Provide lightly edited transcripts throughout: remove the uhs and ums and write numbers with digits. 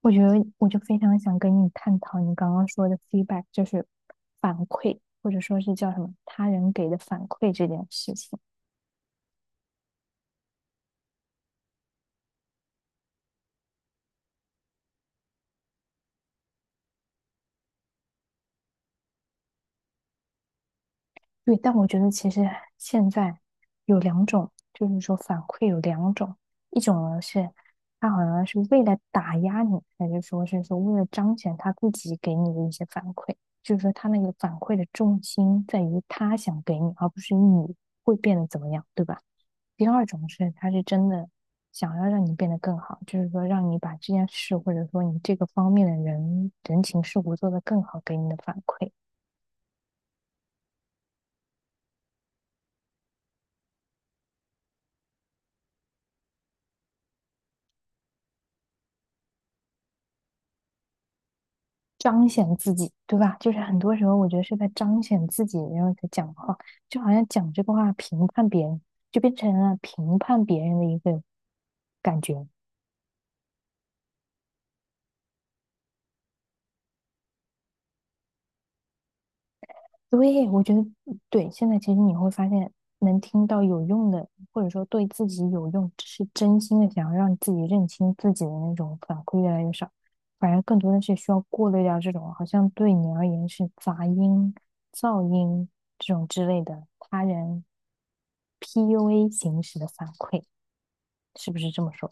我觉得我就非常想跟你探讨你刚刚说的 feedback，就是反馈，或者说是叫什么他人给的反馈这件事情。对，但我觉得其实现在有两种，就是说反馈有两种，一种呢是他好像是为了打压你，还是说为了彰显他自己给你的一些反馈，就是说他那个反馈的重心在于他想给你，而不是你会变得怎么样，对吧？第二种是，他是真的想要让你变得更好，就是说让你把这件事，或者说你这个方面的人人情世故做得更好，给你的反馈，彰显自己，对吧？就是很多时候我觉得是在彰显自己，然后在讲话，就好像讲这个话评判别人，就变成了评判别人的一个感觉。对，我觉得对。现在其实你会发现，能听到有用的，或者说对自己有用，是真心的想要让自己认清自己的那种反馈越来越少，反而更多的是需要过滤掉这种好像对你而言是杂音、噪音这种之类的他人 PUA 形式的反馈，是不是这么说？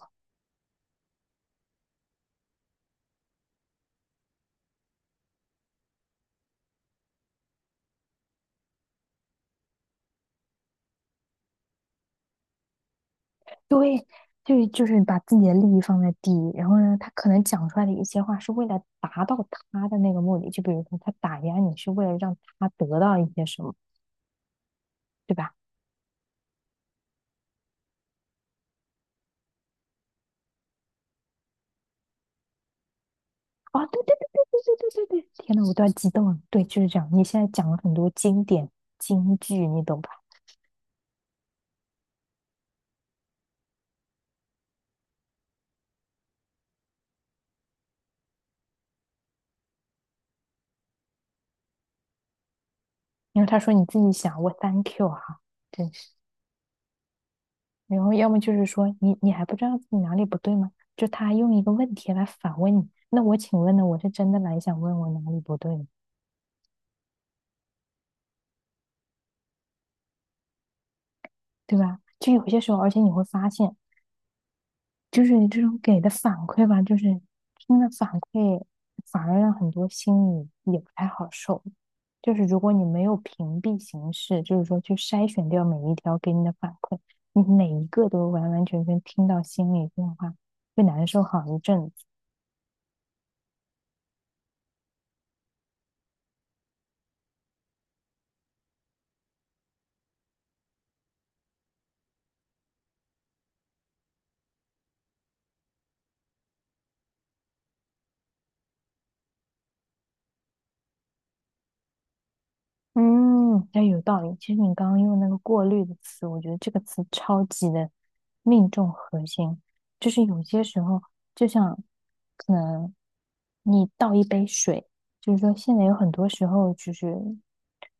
对，就是把自己的利益放在第一，然后呢，他可能讲出来的一些话是为了达到他的那个目的，就比如说他打压你是为了让他得到一些什么，对吧？哦，对对对对对对对对对，天呐，我都要激动了。对，就是这样。你现在讲了很多经典金句，你懂吧？然后他说你自己想，我 thank you 哈，真是。然后要么就是说你还不知道自己哪里不对吗？就他用一个问题来反问你，那我请问呢？我是真的来想问我哪里不对吗？对吧？就有些时候，而且你会发现，就是你这种给的反馈吧，就是真的反馈，反而让很多心里也不太好受。就是如果你没有屏蔽形式，就是说去筛选掉每一条给你的反馈，你每一个都完完全全听到心里变化，会难受好一阵子。嗯，哎，有道理。其实你刚刚用那个“过滤”的词，我觉得这个词超级的命中核心。就是有些时候，就像可能你倒一杯水，就是说现在有很多时候就是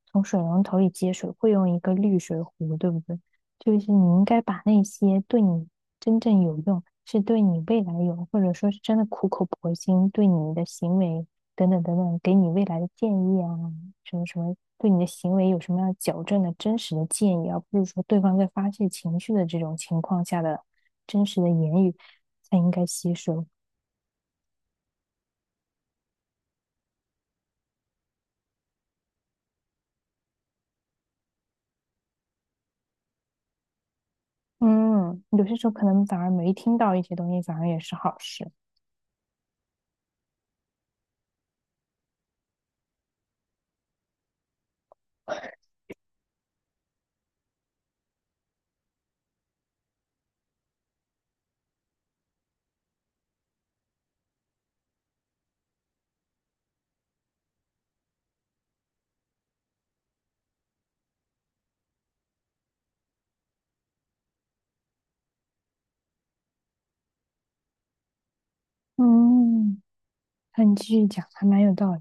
从水龙头里接水，会用一个滤水壶，对不对？就是你应该把那些对你真正有用，是对你未来有，或者说是真的苦口婆心对你的行为等等等等，给你未来的建议啊。什么什么对你的行为有什么样矫正的真实的建议，而不是说对方在发泄情绪的这种情况下的真实的言语才应该吸收。嗯，有些时候可能反而没听到一些东西，反而也是好事。嗯，那你继续讲，还蛮有道理。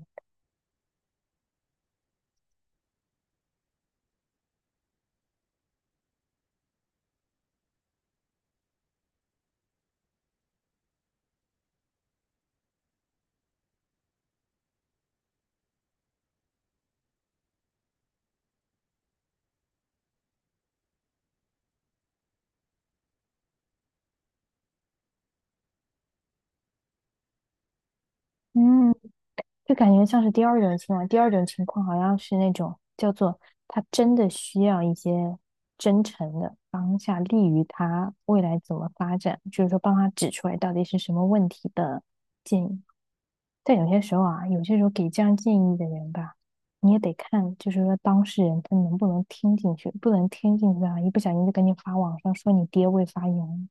嗯。就感觉像是第二种情况，第二种情况好像是那种叫做他真的需要一些真诚的当下利于他未来怎么发展，就是说帮他指出来到底是什么问题的建议。但有些时候啊，有些时候给这样建议的人吧，你也得看，就是说当事人他能不能听进去，不能听进去啊，一不小心就赶紧发网上说你爹未发言。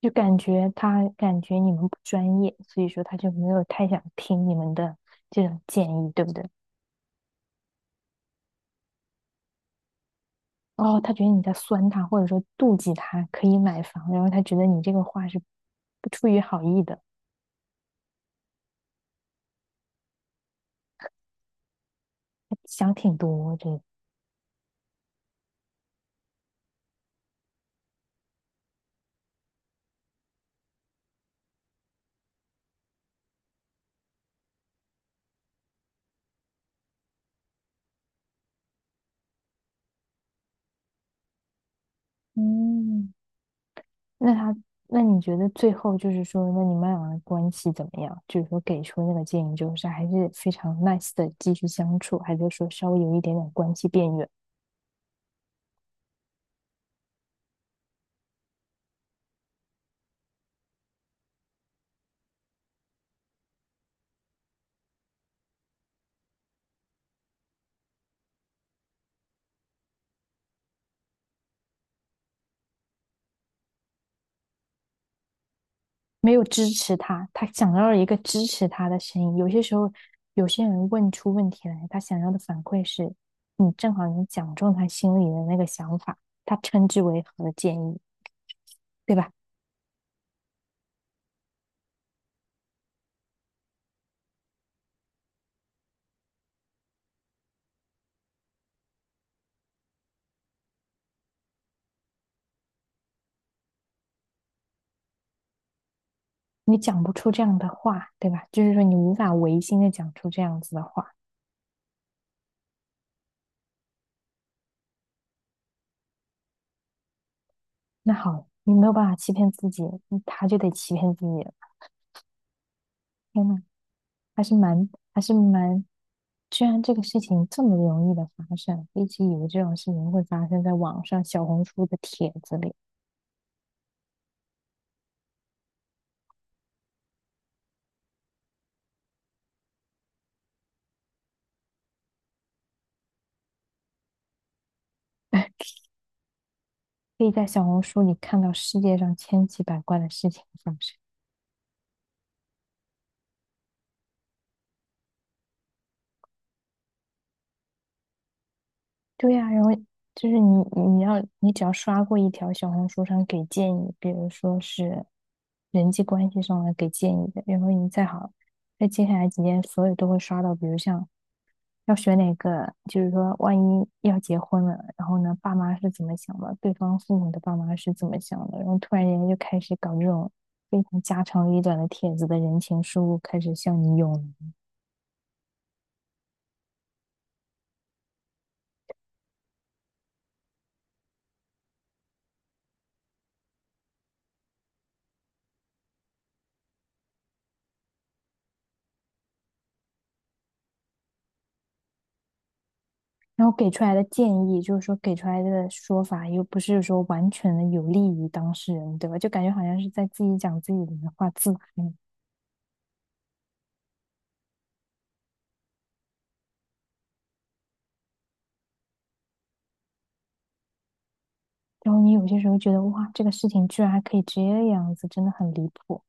就感觉他感觉你们不专业，所以说他就没有太想听你们的这种建议，对不对？哦，他觉得你在酸他，或者说妒忌他可以买房，然后他觉得你这个话是不出于好意的，他想挺多这个。嗯，那他，那你觉得最后就是说，那你们俩的关系怎么样？就是说给出那个建议就是还是非常 nice 的继续相处，还是说稍微有一点点关系变远？没有支持他，他想要一个支持他的声音。有些时候，有些人问出问题来，他想要的反馈是，你正好你讲中他心里的那个想法，他称之为和建议，对吧？你讲不出这样的话，对吧？就是说你无法违心的讲出这样子的话，那好，你没有办法欺骗自己，嗯他就得欺骗自己了。天呐，还是蛮还是蛮，居然这个事情这么容易的发生，一直以为这种事情会发生在网上小红书的帖子里，可以在小红书里看到世界上千奇百怪的事情发生。对呀、然后就是你，你要你只要刷过一条小红书上给建议，比如说是人际关系上的给建议的，然后你再好，在接下来几天，所有都会刷到，比如像要选哪个，就是说万一要结婚了，然后呢，爸妈是怎么想的，对方父母的爸妈是怎么想的，然后突然间就开始搞这种非常家长里短的帖子的人情世故，开始向你涌然后给出来的建议，就是说给出来的说法又不是说完全的有利于当事人，对吧？就感觉好像是在自己讲自己的话自嗨。然后你有些时候觉得，哇，这个事情居然还可以这样子，真的很离谱。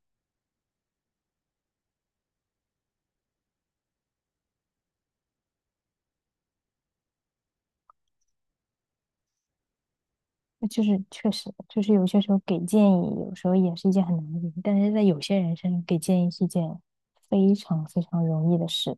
就是确实，就是有些时候给建议，有时候也是一件很难的事情，但是在有些人身上给建议是一件非常非常容易的事。